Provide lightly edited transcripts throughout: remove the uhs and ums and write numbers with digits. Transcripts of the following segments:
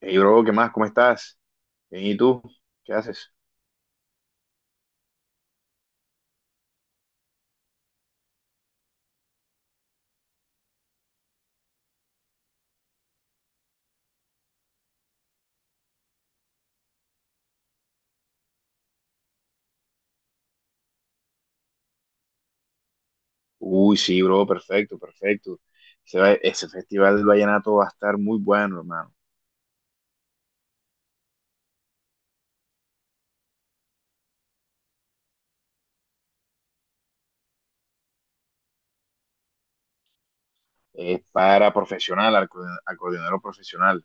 Hey, bro, ¿qué más? ¿Cómo estás? Bien, ¿y tú? ¿Qué haces? Uy, sí, bro, perfecto, perfecto. Ese, ese festival del vallenato va a estar muy bueno, hermano. Es para profesional, acordeonero profesional.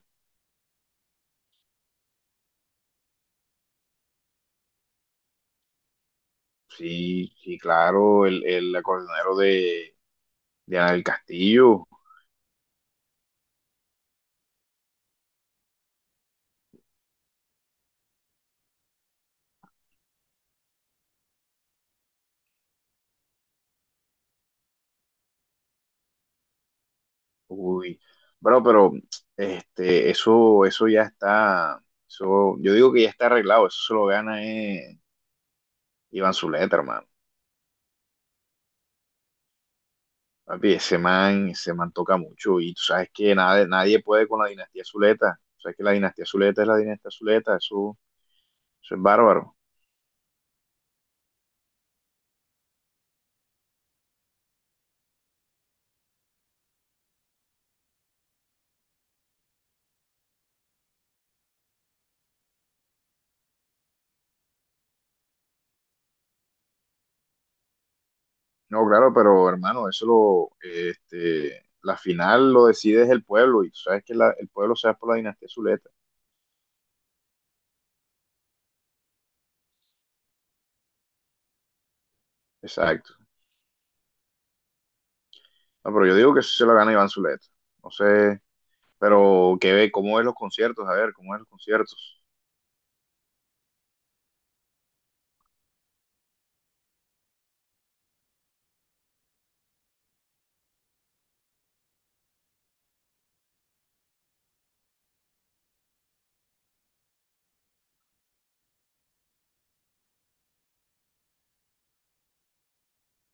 Sí, sí, claro, el acordeonero de Ana del Castillo. Uy, bro, pero eso, eso ya está, eso, yo digo que ya está arreglado, eso se lo gana Iván Zuleta, hermano. Papi, ese man toca mucho y tú sabes que nadie, nadie puede con la dinastía Zuleta. O sea que la dinastía Zuleta es la dinastía Zuleta, eso es bárbaro. No, claro, pero hermano, la final lo decide es el pueblo y tú sabes que el pueblo se va por la dinastía Zuleta. Exacto. No, pero yo digo que eso se lo gana Iván Zuleta. No sé, pero ¿qué ve? ¿Cómo ves los conciertos? A ver, ¿cómo ves los conciertos?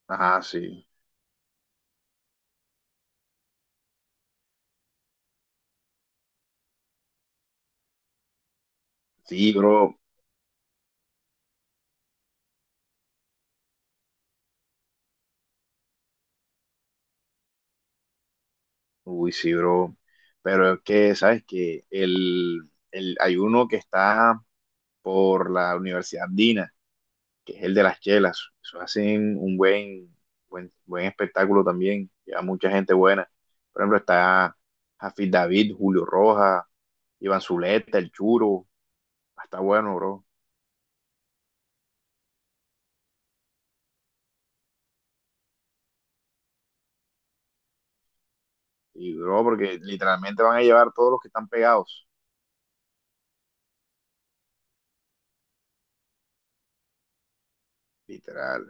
Ajá, sí. Sí, bro. Uy, sí, bro. Pero es que, ¿sabes que hay uno que está por la Universidad Andina, que es el de las chelas? Eso hacen un buen, buen, buen espectáculo también. Lleva mucha gente buena. Por ejemplo, está Jafid David, Julio Rojas, Iván Zuleta, El Churo. Está bueno, bro. Y, bro, porque literalmente van a llevar todos los que están pegados. Literal.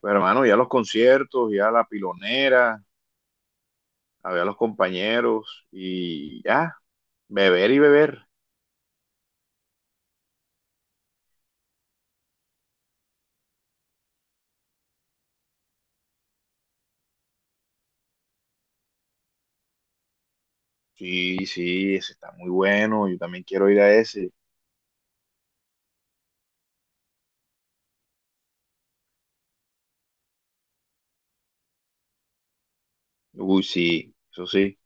Pero, hermano, ya los conciertos, ya la pilonera, a ver a los compañeros y ya, beber y beber. Sí, sí, ese está muy bueno, yo también quiero ir a ese. Uy, sí, eso sí.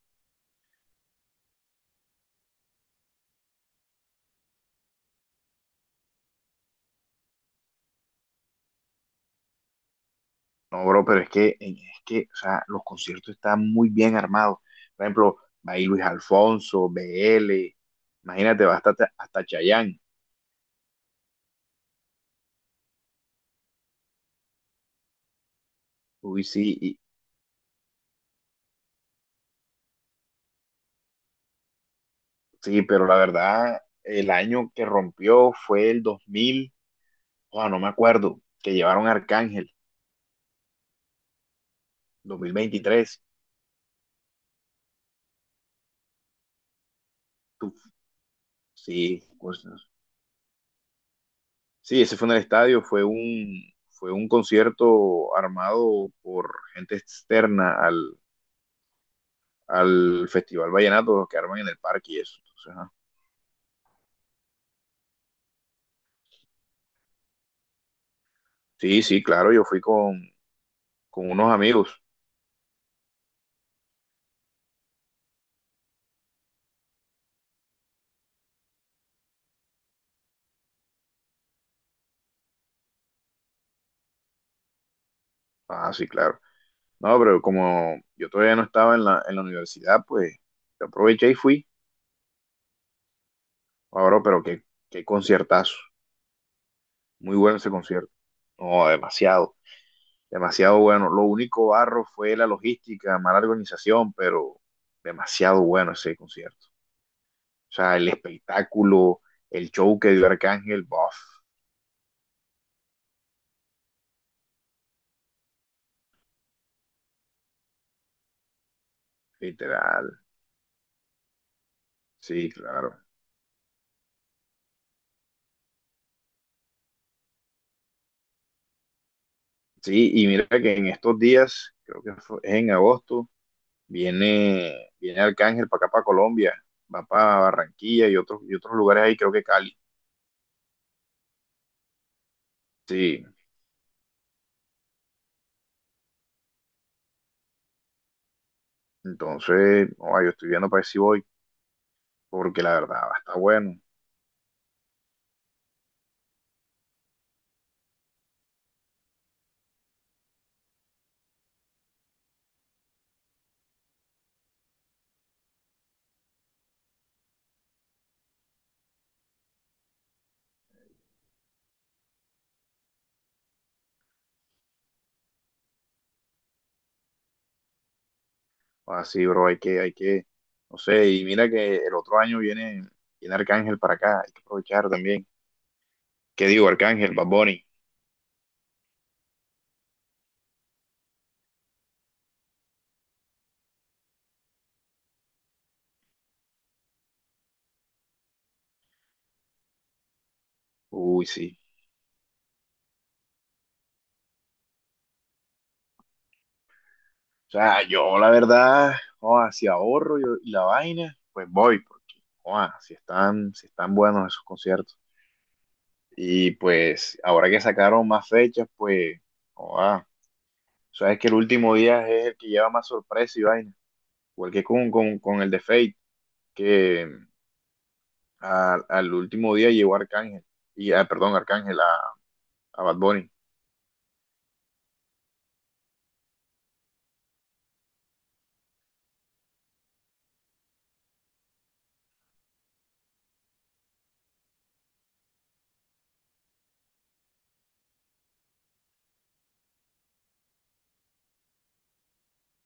No, bro, pero o sea, los conciertos están muy bien armados. Por ejemplo, va ahí Luis Alfonso, BL, imagínate, va hasta, hasta Chayanne. Uy, sí, sí, pero la verdad, el año que rompió fue el 2000 o no me acuerdo, que llevaron a Arcángel, 2023. Tú- sí, pues, sí, ese fue en el estadio, fue un concierto armado por gente externa al Festival Vallenato, los que arman en el parque y eso. Entonces, ajá. Sí, sí, claro, yo fui con unos amigos. Ah, sí, claro. No, pero como yo todavía no estaba en la universidad, pues yo aproveché y fui. Ahora, pero qué, qué conciertazo. Muy bueno ese concierto. No, demasiado, demasiado bueno. Lo único barro fue la logística, mala organización, pero demasiado bueno ese concierto. O sea, el espectáculo, el show que dio Arcángel, bof, literal. Sí, claro. Sí, y mira que en estos días, creo que es en agosto, viene, viene Arcángel para acá, para Colombia, va para Barranquilla y otros lugares ahí, creo que Cali. Sí, entonces, no, yo estoy viendo para ver si voy, porque la verdad va a estar bueno. Así, bro, hay que, no sé, y mira que el otro año viene, viene Arcángel para acá, hay que aprovechar también. ¿Qué digo, Arcángel, Bad Bunny? Uy, sí. O sea, yo la verdad, oh, si ahorro yo y la vaina, pues voy, porque, oh, si están, si están buenos esos conciertos. Y pues, ahora que sacaron más fechas, pues, oh, ah, sabes que el último día es el que lleva más sorpresa y vaina. Igual que con el de Fate, que al último día llegó Arcángel, y, ah, perdón, Arcángel a Bad Bunny.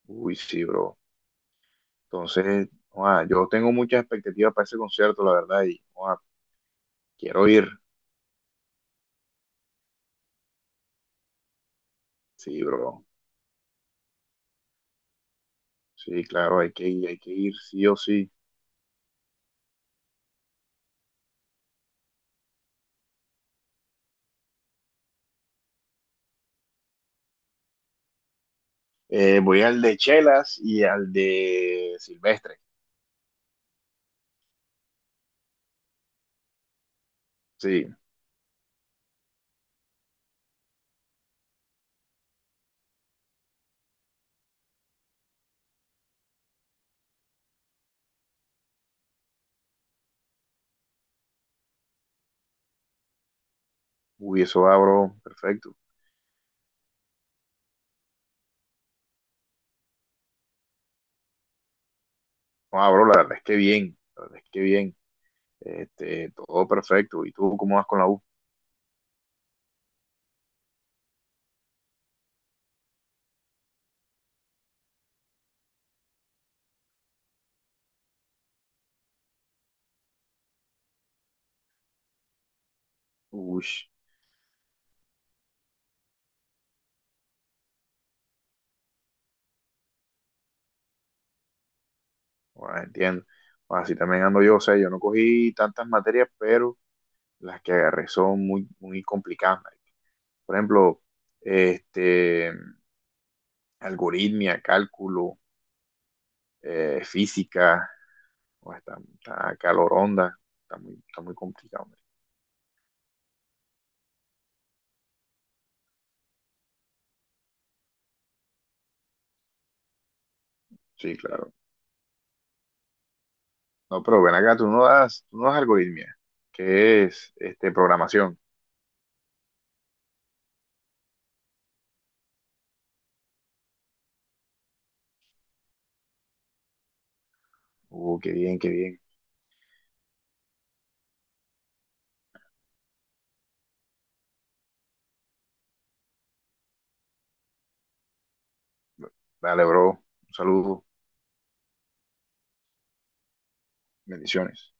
Uy, sí, bro. Entonces, ah, yo tengo muchas expectativas para ese concierto, la verdad, y ah, quiero ir. Sí, bro. Sí, claro, hay que ir, sí o sí. Voy al de Chelas y al de Silvestre. Sí, uy, eso va, bro, perfecto. No, bro, la verdad es que bien, la verdad es que bien. Este, todo perfecto. ¿Y tú cómo vas con la U? Uy. Bueno, entiendo. Bueno, así también ando yo, o sea, yo no cogí tantas materias, pero las que agarré son muy, muy complicadas, marica. Por ejemplo, este, algoritmia, cálculo, física, o está, está caloronda, está muy complicado, marica. Sí, claro. No, pero ven acá, tú no das algoritmia, que es este, programación. Qué bien, qué bien. Dale, bro. Un saludo. Bendiciones.